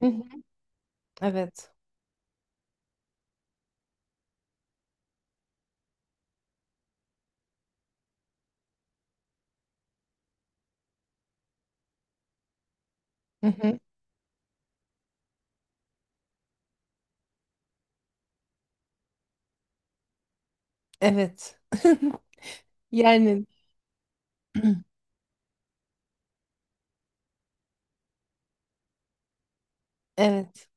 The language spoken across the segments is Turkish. Hı hı. Evet. Hı hı. Evet. Yani evet.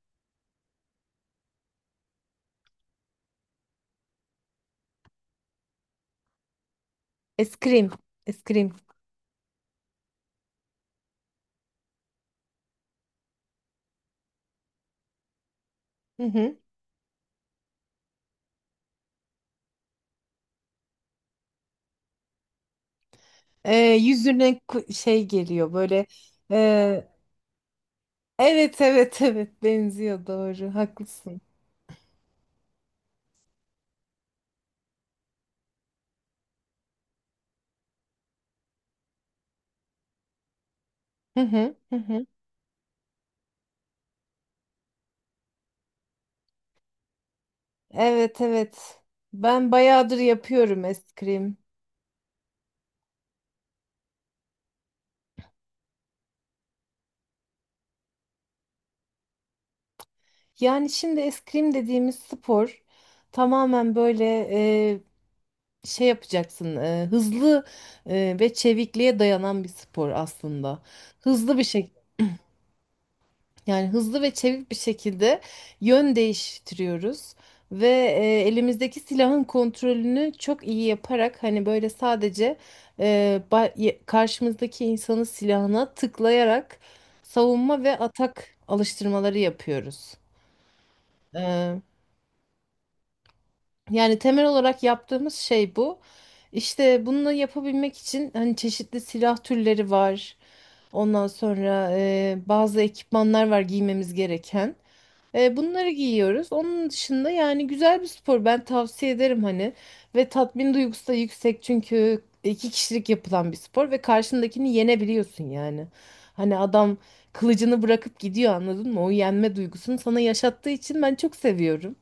Eskrim. Eskrim. Hı hı. Yüzüne şey geliyor böyle. ee, evet evet evet benziyor, doğru, haklısın. Hı hı. Hı hı. Evet evet. Ben bayağıdır yapıyorum eskrim. Yani şimdi eskrim dediğimiz spor tamamen böyle şey yapacaksın, hızlı ve çevikliğe dayanan bir spor aslında. Hızlı bir şey, yani hızlı ve çevik bir şekilde yön değiştiriyoruz ve elimizdeki silahın kontrolünü çok iyi yaparak, hani böyle sadece karşımızdaki insanın silahına tıklayarak savunma ve atak alıştırmaları yapıyoruz. Yani temel olarak yaptığımız şey bu. İşte bunu yapabilmek için hani çeşitli silah türleri var. Ondan sonra bazı ekipmanlar var giymemiz gereken. Bunları giyiyoruz. Onun dışında, yani güzel bir spor, ben tavsiye ederim hani. Ve tatmin duygusu da yüksek, çünkü iki kişilik yapılan bir spor ve karşındakini yenebiliyorsun yani. Hani adam kılıcını bırakıp gidiyor, anladın mı? O yenme duygusunu sana yaşattığı için ben çok seviyorum.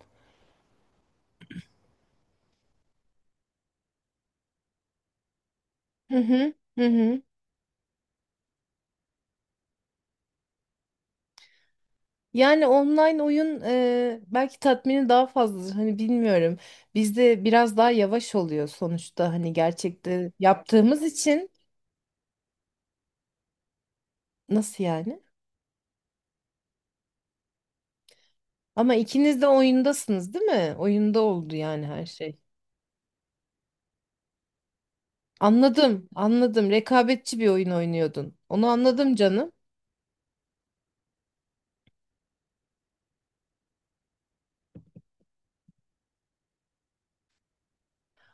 Hı hı. Hı hı. Yani online oyun, belki tatmini daha fazladır. Hani bilmiyorum. Bizde biraz daha yavaş oluyor sonuçta. Hani gerçekte yaptığımız için. Nasıl yani? Ama ikiniz de oyundasınız, değil mi? Oyunda oldu yani her şey. Anladım, anladım. Rekabetçi bir oyun oynuyordun. Onu anladım, canım.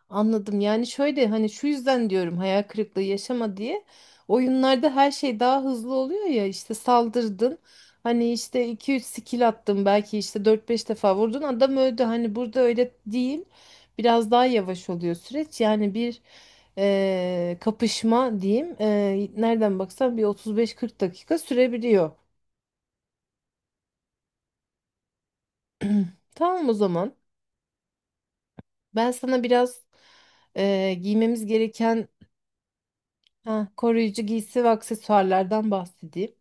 Anladım. Yani şöyle, hani şu yüzden diyorum, hayal kırıklığı yaşama diye. Oyunlarda her şey daha hızlı oluyor ya, işte saldırdın. Hani işte iki üç skill attın, belki işte dört beş defa vurdun, adam öldü. Hani burada öyle değil. Biraz daha yavaş oluyor süreç. Yani bir kapışma diyeyim. Nereden baksan bir 35-40 dakika sürebiliyor. Tamam o zaman. Ben sana biraz giymemiz gereken, ha, koruyucu giysi ve aksesuarlardan bahsedeyim.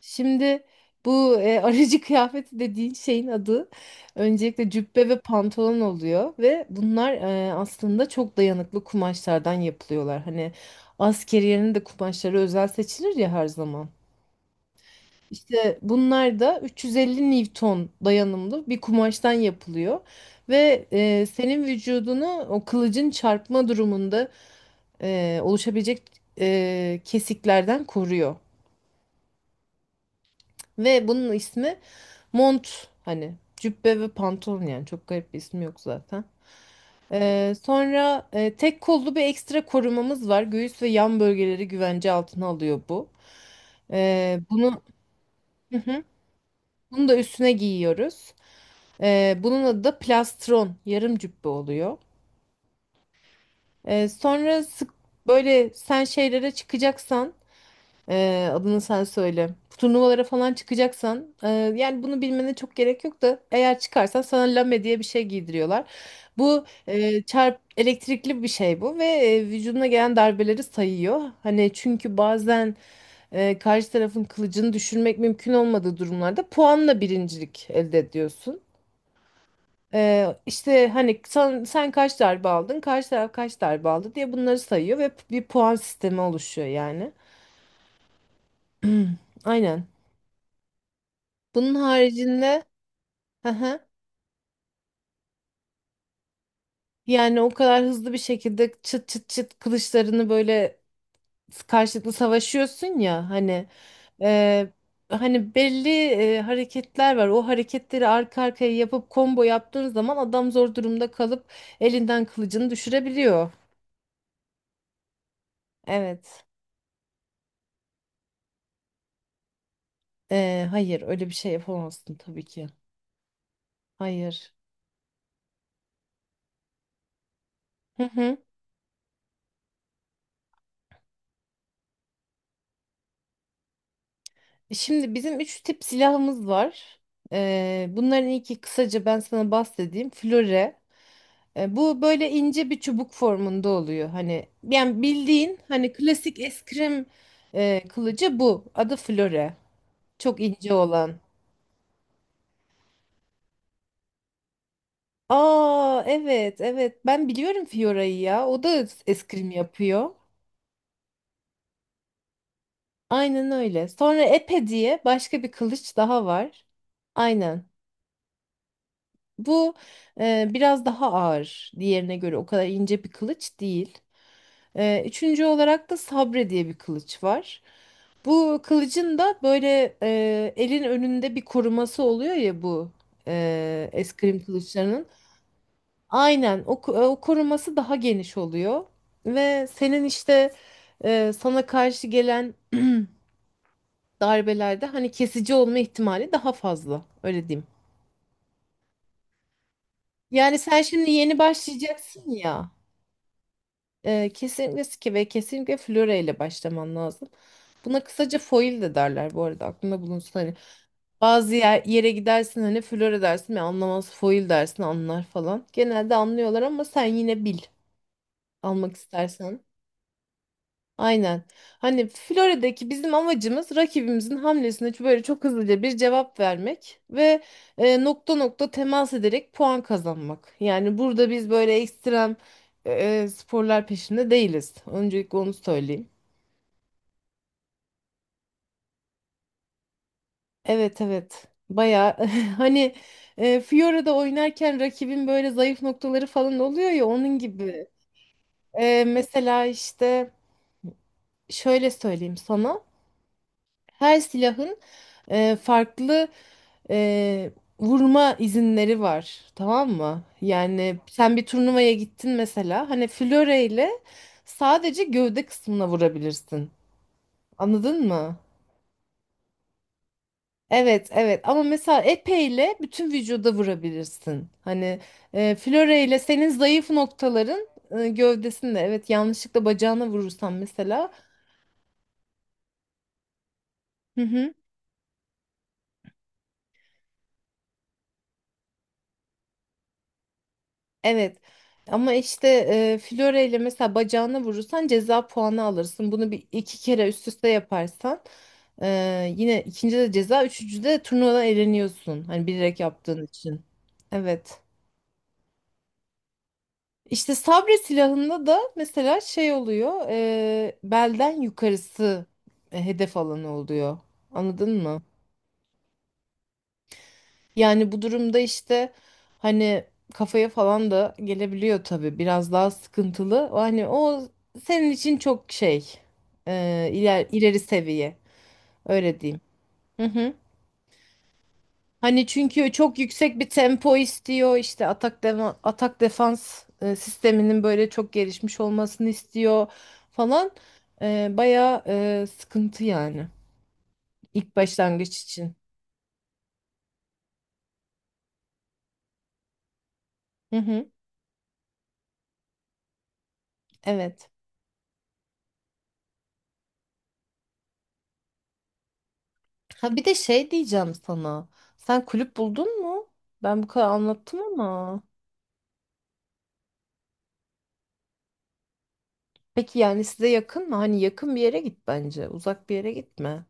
Şimdi bu aracı kıyafeti dediğin şeyin adı öncelikle cübbe ve pantolon oluyor ve bunlar aslında çok dayanıklı kumaşlardan yapılıyorlar. Hani askeriyenin de kumaşları özel seçilir ya her zaman. İşte bunlar da 350 Newton dayanımlı bir kumaştan yapılıyor ve senin vücudunu o kılıcın çarpma durumunda oluşabilecek kesiklerden koruyor. Ve bunun ismi mont, hani cübbe ve pantolon, yani çok garip bir ismi yok zaten. Sonra tek kollu bir ekstra korumamız var. Göğüs ve yan bölgeleri güvence altına alıyor bu. E, bunu hı hı, bunu da üstüne giyiyoruz. Bunun adı da plastron, yarım cübbe oluyor. Sonra sık böyle sen şeylere çıkacaksan. Adını sen söyle. Turnuvalara falan çıkacaksan, yani bunu bilmene çok gerek yok da, eğer çıkarsan sana lame diye bir şey giydiriyorlar. Bu e, çarp elektrikli bir şey bu ve vücuduna gelen darbeleri sayıyor. Hani çünkü bazen karşı tarafın kılıcını düşürmek mümkün olmadığı durumlarda puanla birincilik elde ediyorsun. E, işte hani sen kaç darbe aldın, karşı taraf kaç darbe aldı diye bunları sayıyor ve bir puan sistemi oluşuyor yani. Aynen. Bunun haricinde, hı hı, yani o kadar hızlı bir şekilde çıt çıt çıt kılıçlarını böyle karşılıklı savaşıyorsun ya, hani e, hani belli hareketler var. O hareketleri arka arkaya yapıp combo yaptığın zaman adam zor durumda kalıp elinden kılıcını düşürebiliyor. Evet. Hayır, öyle bir şey yapamazsın tabii ki. Hayır. Hı hı. Şimdi bizim üç tip silahımız var. Bunların ilki, kısaca ben sana bahsedeyim, flöre. Bu böyle ince bir çubuk formunda oluyor. Hani, yani bildiğin hani klasik eskrim kılıcı bu. Adı Flore. Çok ince olan. Aa, evet evet, ben biliyorum Fiora'yı ya. O da eskrim yapıyor. Aynen öyle. Sonra Epe diye başka bir kılıç daha var. Aynen. Bu biraz daha ağır. Diğerine göre o kadar ince bir kılıç değil. Üçüncü olarak da sabre diye bir kılıç var. Bu kılıcın da böyle elin önünde bir koruması oluyor ya, bu eskrim kılıçlarının. Aynen, o o koruması daha geniş oluyor. Ve senin işte sana karşı gelen darbelerde hani kesici olma ihtimali daha fazla, öyle diyeyim. Yani sen şimdi yeni başlayacaksın ya. Kesinlikle ve kesinlikle flöre ile başlaman lazım. Buna kısaca foil de derler, bu arada aklında bulunsun hani. Bazı yere gidersin, hani flöre dersin ve anlamaz, foil dersin anlar falan. Genelde anlıyorlar ama sen yine bil almak istersen. Aynen. Hani Florida'daki bizim amacımız, rakibimizin hamlesine böyle çok hızlıca bir cevap vermek ve nokta nokta temas ederek puan kazanmak. Yani burada biz böyle ekstrem sporlar peşinde değiliz. Öncelikle onu söyleyeyim. Evet evet. Baya hani Fiora'da oynarken rakibin böyle zayıf noktaları falan oluyor ya, onun gibi. Mesela işte, şöyle söyleyeyim sana. Her silahın farklı e, vurma izinleri var. Tamam mı? Yani sen bir turnuvaya gittin mesela. Hani Fiora ile sadece gövde kısmına vurabilirsin. Anladın mı? Evet evet, ama mesela epeyle bütün vücuda vurabilirsin. Hani floreyle senin zayıf noktaların gövdesinde, evet, yanlışlıkla bacağına vurursan mesela. Hı hı, evet, ama işte floreyle mesela bacağına vurursan ceza puanı alırsın. Bunu bir iki kere üst üste yaparsan yine, ikinci de ceza, üçüncü de turnuvadan eleniyorsun. Hani bilerek yaptığın için. Evet. İşte sabre silahında da mesela şey oluyor, belden yukarısı hedef alanı oluyor. Anladın mı? Yani bu durumda işte, hani kafaya falan da gelebiliyor tabii. Biraz daha sıkıntılı. O, hani o senin için çok şey, ileri seviye. Öyle diyeyim. Hani çünkü çok yüksek bir tempo istiyor. İşte atak atak defans sisteminin böyle çok gelişmiş olmasını istiyor falan. Bayağı sıkıntı, yani ilk başlangıç için. Hı hı, evet. Ha, bir de şey diyeceğim sana. Sen kulüp buldun mu? Ben bu kadar anlattım ama. Peki, yani size yakın mı? Hani yakın bir yere git bence. Uzak bir yere gitme.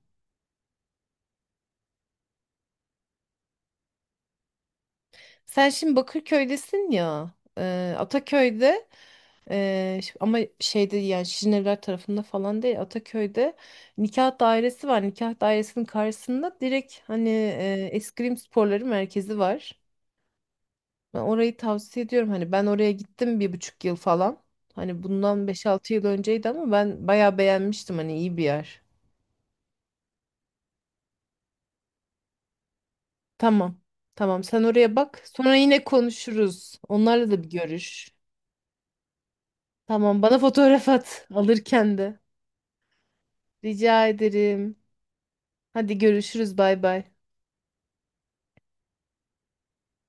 Sen şimdi Bakırköy'desin ya. Ataköy'de. Ama şeyde, yani Şirinevler tarafında falan değil, Ataköy'de nikah dairesi var. Nikah dairesinin karşısında direkt, hani eskrim sporları merkezi var. Ben orayı tavsiye ediyorum. Hani ben oraya gittim 1,5 yıl falan. Hani bundan 5-6 yıl önceydi ama ben bayağı beğenmiştim. Hani iyi bir yer. Tamam. Tamam, sen oraya bak. Sonra yine konuşuruz. Onlarla da bir görüş. Tamam, bana fotoğraf at alırken de. Rica ederim. Hadi görüşürüz, bay bay.